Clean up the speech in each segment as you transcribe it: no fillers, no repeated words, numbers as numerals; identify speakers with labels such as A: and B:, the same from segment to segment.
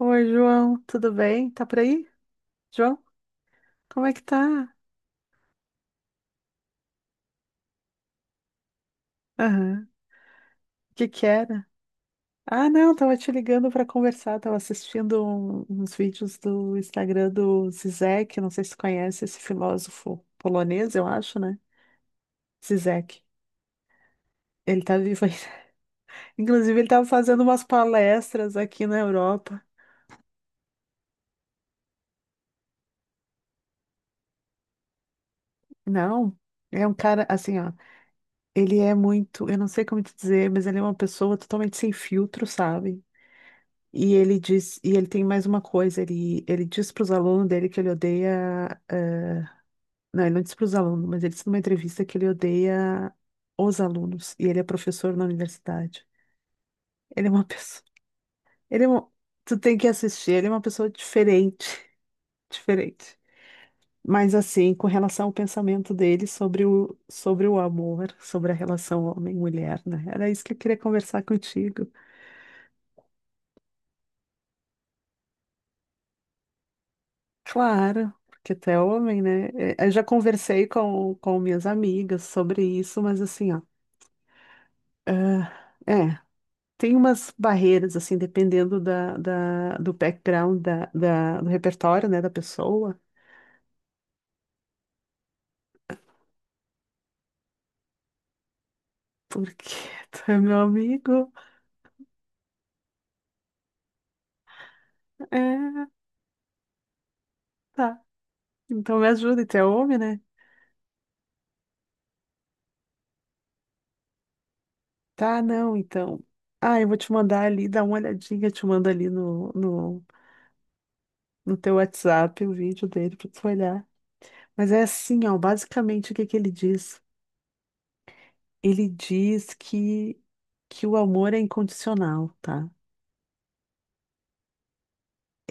A: Oi, João, tudo bem? Tá por aí? João, como é que tá? Aham. O que que era? Ah, não, tava te ligando pra conversar, tava assistindo uns vídeos do Instagram do Zizek, não sei se tu conhece esse filósofo polonês, eu acho, né? Zizek. Ele tá vivo ainda. Inclusive, ele tava fazendo umas palestras aqui na Europa. Não, é um cara assim, ó, ele é muito, eu não sei como te dizer, mas ele é uma pessoa totalmente sem filtro, sabe? E ele diz, e ele tem mais uma coisa, ele diz para os alunos dele que ele odeia, não, ele não diz para os alunos, mas ele disse numa entrevista que ele odeia os alunos, e ele é professor na universidade. Ele é uma pessoa, ele é um, tu tem que assistir, ele é uma pessoa diferente, diferente. Mas assim, com relação ao pensamento dele sobre o amor, sobre a relação homem-mulher, né? Era isso que eu queria conversar contigo. Claro, porque tu é homem, né? É, eu já conversei com minhas amigas sobre isso, mas assim, ó, ah, é, tem umas barreiras, assim, dependendo do background, do repertório, né, da pessoa, porque tu é meu amigo, é, tá, então me ajuda, e tu é homem, né? Tá, não, então, ah, eu vou te mandar ali, dá uma olhadinha, te mando ali no teu WhatsApp o vídeo dele pra tu olhar. Mas é assim, ó, basicamente o que que ele diz? Ele diz que o amor é incondicional, tá?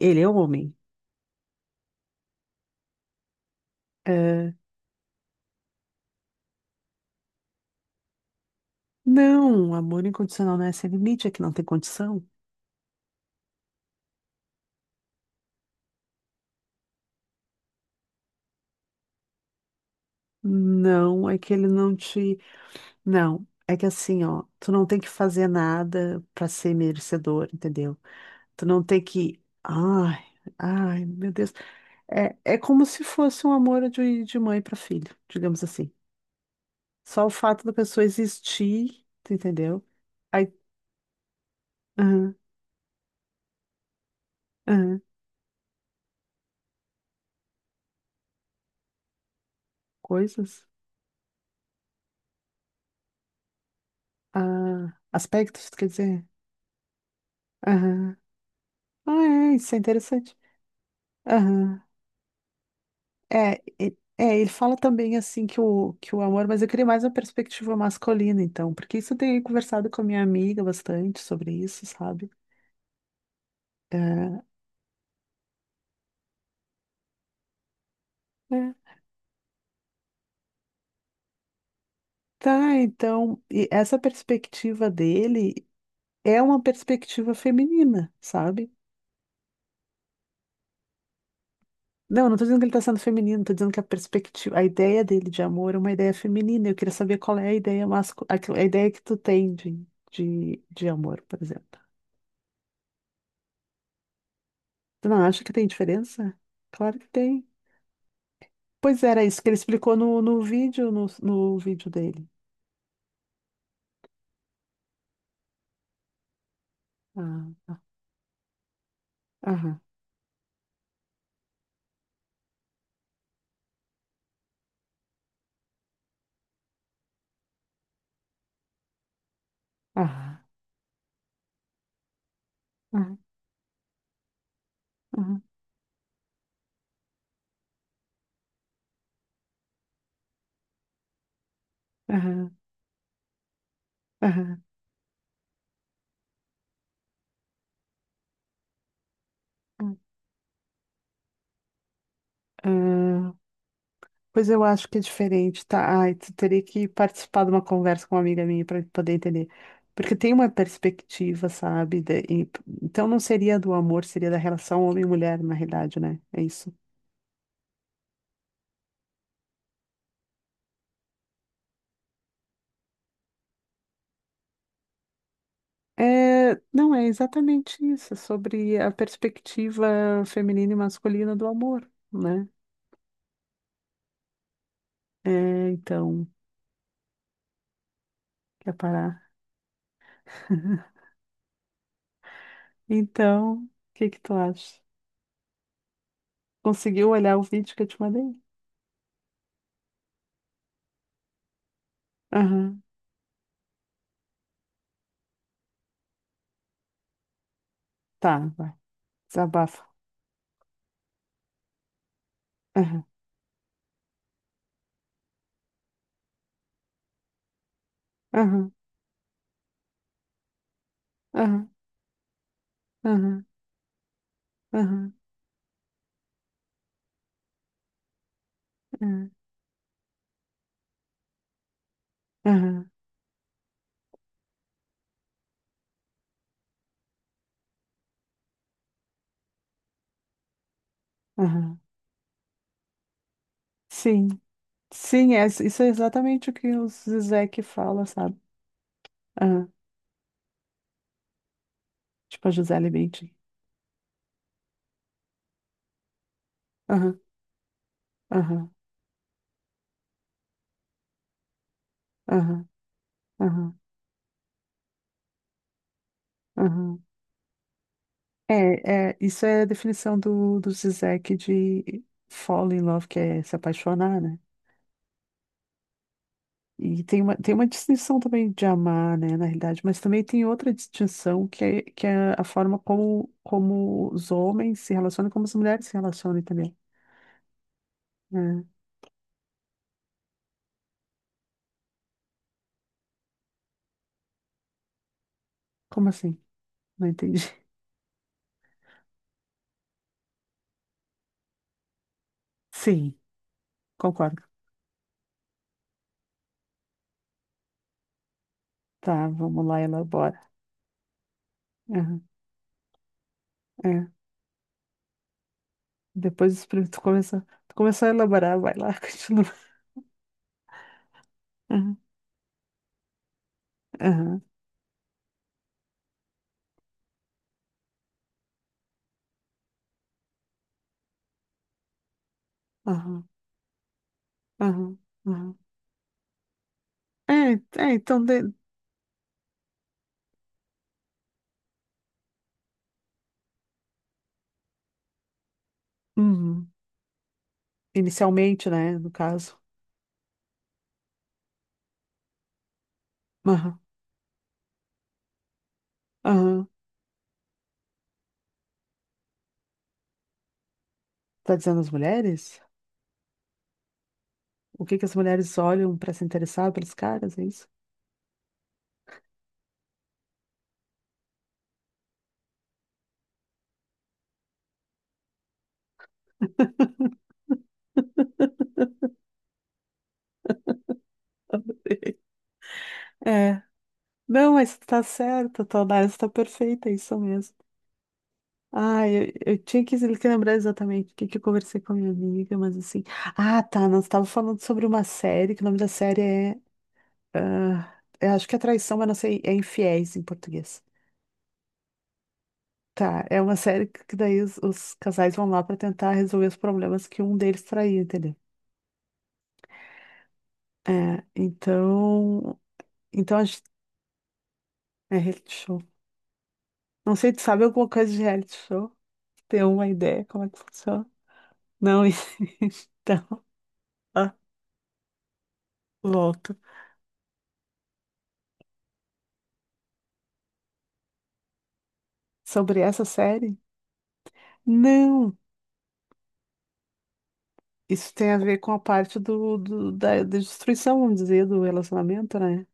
A: Ele é homem. É, não, amor incondicional não é sem limite, é que não tem condição. Não, é que ele não te. Não, é que assim, ó, tu não tem que fazer nada pra ser merecedor, entendeu? Tu não tem que. Ai, meu Deus. É, é como se fosse um amor de mãe pra filho, digamos assim. Só o fato da pessoa existir, tu entendeu? Aí, aham, aham, coisas. Ah, aspectos, quer dizer? Aham. Ah, é, isso é interessante. Aham. É, é, ele fala também assim que o amor, mas eu queria mais uma perspectiva masculina, então, porque isso eu tenho conversado com a minha amiga bastante sobre isso, sabe? É, é. Tá, então, e essa perspectiva dele é uma perspectiva feminina, sabe? Não, não tô dizendo que ele tá sendo feminino, tô dizendo que a perspectiva, a ideia dele de amor é uma ideia feminina. Eu queria saber qual é a ideia masculina, a ideia que tu tem de amor, por exemplo. Tu não acha que tem diferença? Claro que tem. Pois era isso que ele explicou no vídeo, no vídeo dele. Ah, ah, aham, aham, aham, aham, aham, aham, aham. Pois eu acho que é diferente, tá? Ai, tu teria que participar de uma conversa com uma amiga minha para poder entender. Porque tem uma perspectiva, sabe? Então não seria do amor, seria da relação homem-mulher, e mulher, na realidade, né? É isso. É, não, é exatamente isso, é sobre a perspectiva feminina e masculina do amor, né? É, então, quer parar? Então, o que que tu acha? Conseguiu olhar o vídeo que eu te mandei? Aham. Tá, vai, desabafa. Aham, aham, aham. Aham, aham, aham, aham, aham. Sim, sim, é, isso é exatamente o que o Zizek fala, sabe? Aham. Tipo a Gisele Bündchen. Aham, aham, aham, aham, aham. É, é, isso é a definição do Zizek de fall in love, que é se apaixonar, né? E tem uma distinção também de amar, né, na realidade, mas também tem outra distinção que é a forma como, como os homens se relacionam e como as mulheres se relacionam também, né? Como assim? Não entendi. Sim, concordo. Tá, vamos lá, elabora. Aham, é. Depois tu começar, tu começou a elaborar, vai lá, continua. Aham, aham, aham, aham, aham. É, é, então, uhum. Inicialmente, né, no caso. Aham, aham. Tá dizendo as mulheres? O que que as mulheres olham para se interessar pelos caras, é isso? É. Não, mas tá certo, tua análise tá perfeita, é isso mesmo. Ah, eu tinha que lembrar exatamente o que, que eu conversei com a minha amiga, mas assim. Ah, tá. Nós estávamos falando sobre uma série, que o nome da série é. Ah, eu acho que é Traição, mas não sei. É Infiéis em português. Tá. É uma série que daí os casais vão lá para tentar resolver os problemas que um deles traiu, entendeu? É, então. Então a gente. É reality show. Não sei, tu sabe alguma coisa de reality show? Tem uma ideia como é que funciona? Não, então. Ah, volto. Sobre essa série. Não, isso tem a ver com a parte da destruição, vamos dizer, do relacionamento, né?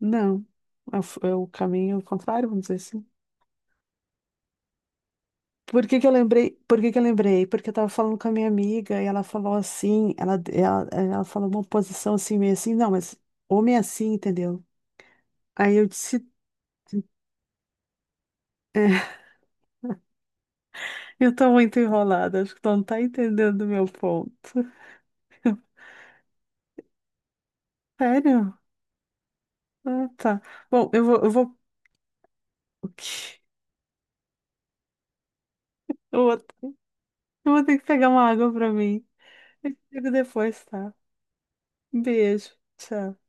A: Não, é o, é o caminho contrário, vamos dizer assim. Por que que eu lembrei? Por que que eu lembrei? Porque eu tava falando com a minha amiga e ela falou assim, ela falou uma posição assim, meio assim, não, mas homem é assim, entendeu? Aí eu disse, eu tô muito enrolada, acho que tu não tá entendendo o meu ponto. Sério? Ah, tá. Bom, eu vou, eu vou ter que pegar uma água pra mim. Eu te digo depois, tá? Beijo. Tchau.